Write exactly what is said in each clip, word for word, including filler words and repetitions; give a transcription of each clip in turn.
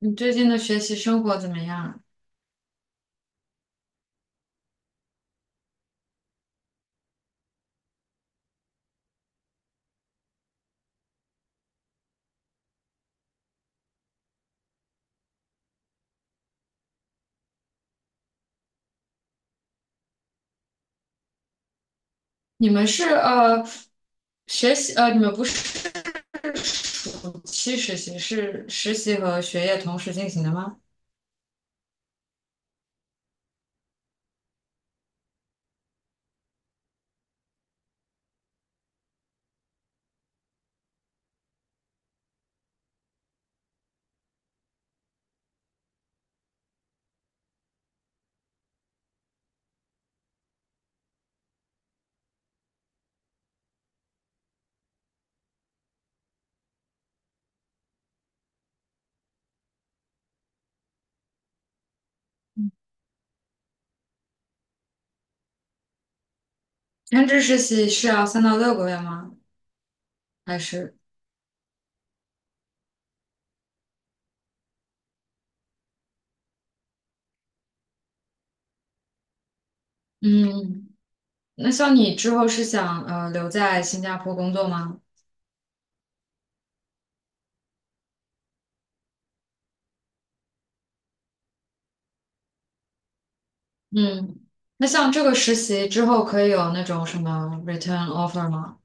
你最近的学习生活怎么样啊？你们是呃学习呃，你们不是暑期实习，是实习和学业同时进行的吗？全职实习是要三到六个月吗？还是嗯，那像你之后是想呃留在新加坡工作吗？嗯，那像这个实习之后可以有那种什么 return offer 吗？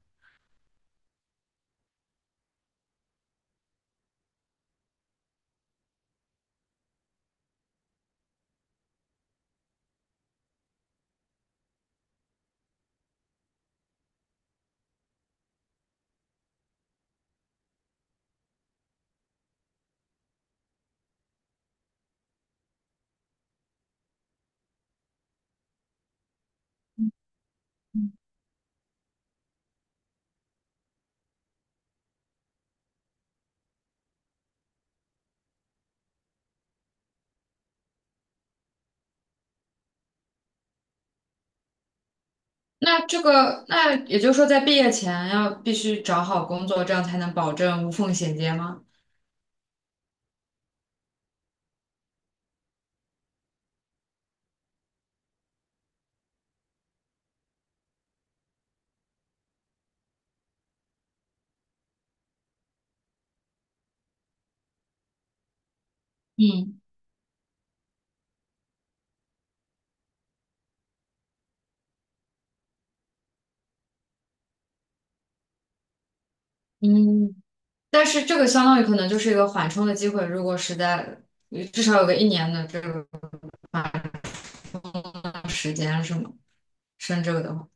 那这个那也就是说，在毕业前要必须找好工作，这样才能保证无缝衔接吗？嗯嗯。但是这个相当于可能就是一个缓冲的机会，如果实在至少有个一年的这个缓冲时间是吗？升这个的话，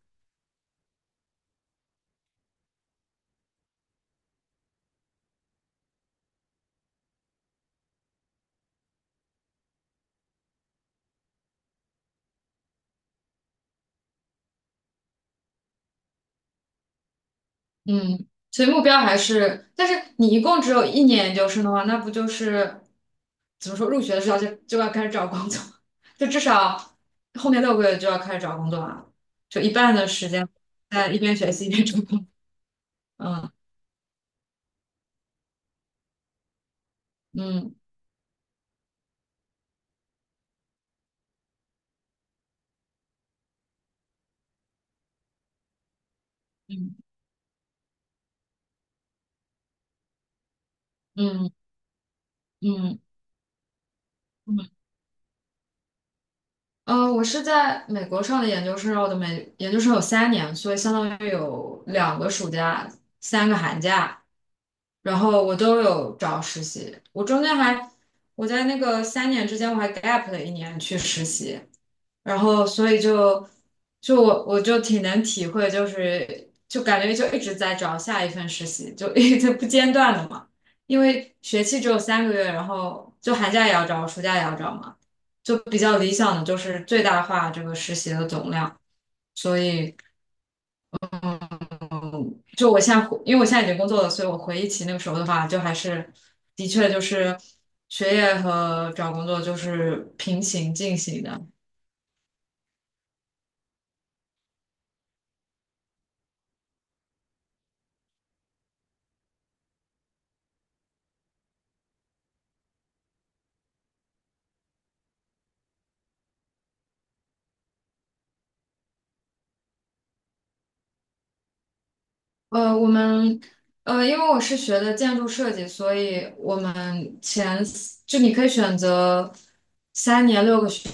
嗯，所以目标还是，但是你一共只有一年研究生的话，那不就是怎么说，入学的时候就就要开始找工作，就至少后面六个月就要开始找工作了，就一半的时间在一边学习一边找工作，嗯嗯嗯嗯嗯嗯。呃，我是在美国上的研究生，我的美研究生有三年，所以相当于有两个暑假，三个寒假，然后我都有找实习。我中间还，我在那个三年之间，我还 gap 了一年去实习。然后所以就就我我就挺能体会，就是就感觉就一直在找下一份实习，就 一直不间断的嘛。因为学期只有三个月，然后就寒假也要找，暑假也要找嘛，就比较理想的就是最大化这个实习的总量。所以就我现在回，因为我现在已经工作了，所以我回忆起那个时候的话，就还是的确就是学业和找工作就是平行进行的。呃，我们呃，因为我是学的建筑设计，所以我们前四就你可以选择三年六个学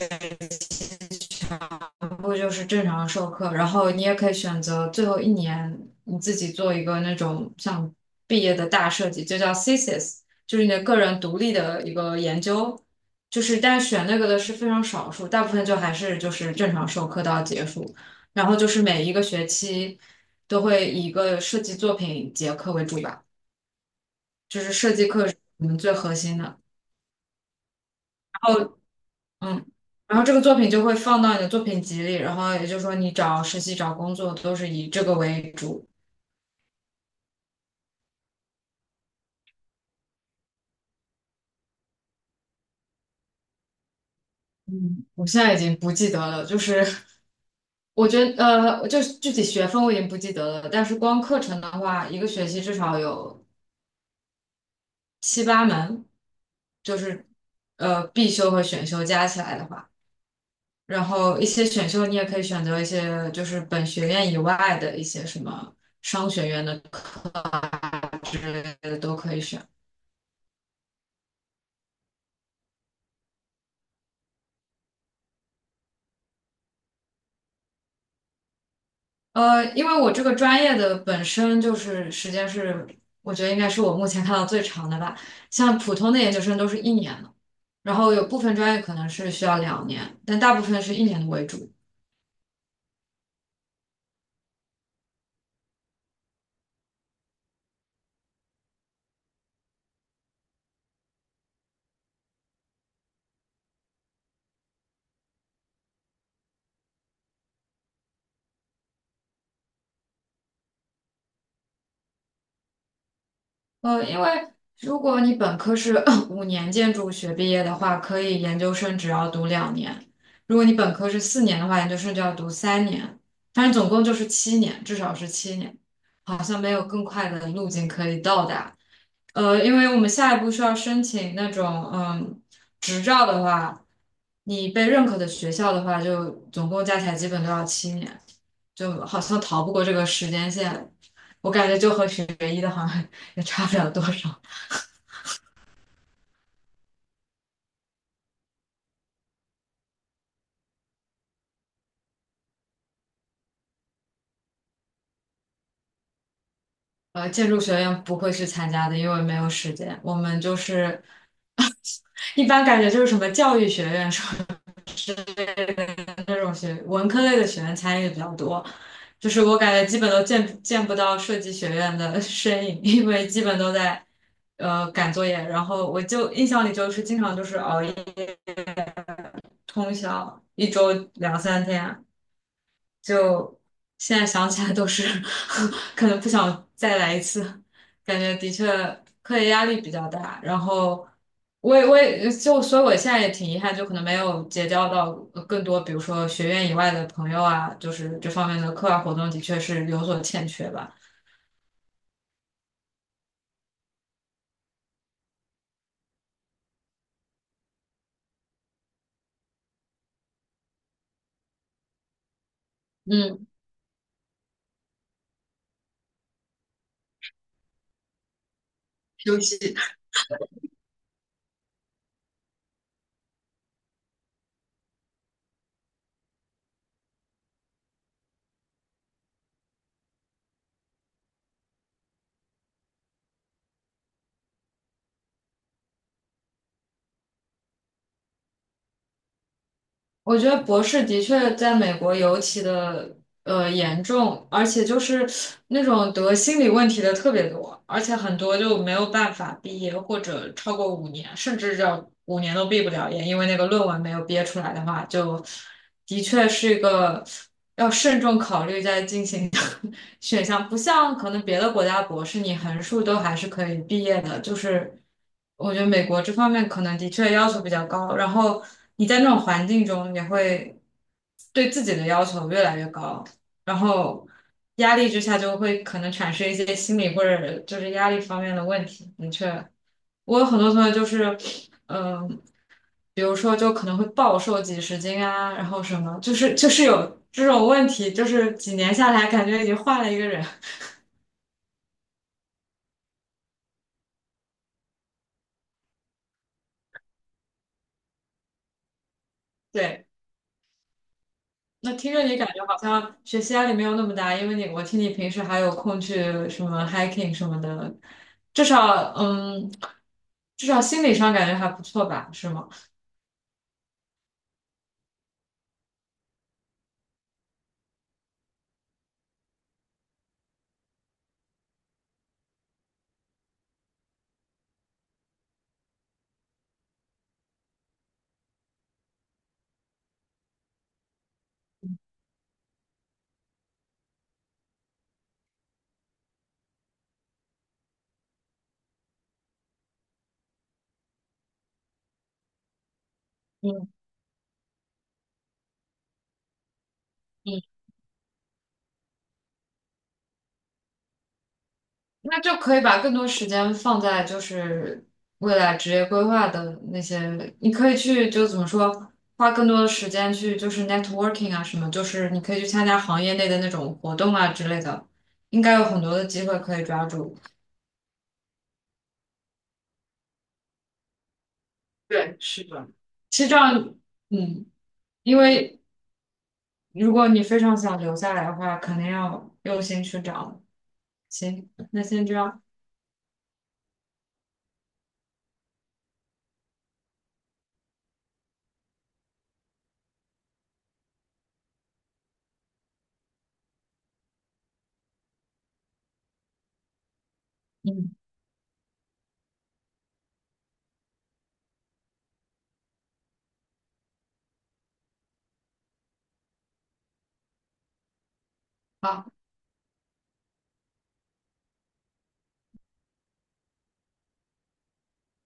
部就是正常授课，然后你也可以选择最后一年你自己做一个那种像毕业的大设计，就叫 thesis，就是你的个人独立的一个研究。就是但是选那个的是非常少数，大部分就还是就是正常授课到结束，然后就是每一个学期都会以一个设计作品结课为主吧。就是设计课是我们最核心的。然后，嗯，然后这个作品就会放到你的作品集里，然后也就是说你找实习、找工作都是以这个为主。嗯，我现在已经不记得了，就是我觉得呃，就是具体学分我已经不记得了，但是光课程的话，一个学期至少有七八门，就是呃必修和选修加起来的话。然后一些选修你也可以选择一些就是本学院以外的一些什么商学院的课啊之类的都可以选。呃，因为我这个专业的本身就是时间是，我觉得应该是我目前看到最长的吧。像普通的研究生都是一年的，然后有部分专业可能是需要两年，但大部分是一年的为主。呃，因为如果你本科是 五年建筑学毕业的话，可以研究生只要读两年；如果你本科是四年的话，研究生就要读三年。但是总共就是七年，至少是七年，好像没有更快的路径可以到达。呃，因为我们下一步需要申请那种嗯执照的话，你被认可的学校的话，就总共加起来基本都要七年，就好像逃不过这个时间线。我感觉就和学医的好像 也差不了多少。呃，建筑学院不会去参加的，因为没有时间。我们就是一般感觉就是什么教育学院，什么是那种学文科类的学院参与比较多。就是我感觉基本都见见不到设计学院的 身影，因为基本都在呃赶作业。然后我就印象里就是经常就是熬夜通宵，一周两三天，就现在想起来都是 可能不想再来一次，感觉的确课业压力比较大。然后我也我也就所以我现在也挺遗憾，就可能没有结交到呃更多，比如说学院以外的朋友啊，就是这方面的课外活动的确是有所欠缺吧。嗯，尤其我觉得博士的确在美国尤其的。呃严重，而且就是那种得心理问题的特别多，而且很多就没有办法毕业，或者超过五年，甚至这五年都毕不了业，因为那个论文没有憋出来的话，就的确是一个要慎重考虑再进行的 选项，不像可能别的国家博士你横竖都还是可以毕业的，就是我觉得美国这方面可能的确要求比较高，然后你在那种环境中也会对自己的要求越来越高。然后压力之下就会可能产生一些心理或者就是压力方面的问题。的确，我有很多同学就是，嗯、比如说就可能会暴瘦几十斤啊，然后什么，就是就是有这种问题，就是几年下来感觉已经换了一个人。对，那听着你感觉好像学习压力没有那么大，因为你我听你平时还有空去什么 hiking 什么的，至少嗯，至少心理上感觉还不错吧，是吗？嗯。嗯。那就可以把更多时间放在就是未来职业规划的那些，你可以去就怎么说，花更多的时间去就是 networking 啊什么，就是你可以去参加行业内的那种活动啊之类的，应该有很多的机会可以抓住。对，是的。其实这样，嗯，因为如果你非常想留下来的话，肯定要用心去找。行，那先这样，嗯。好。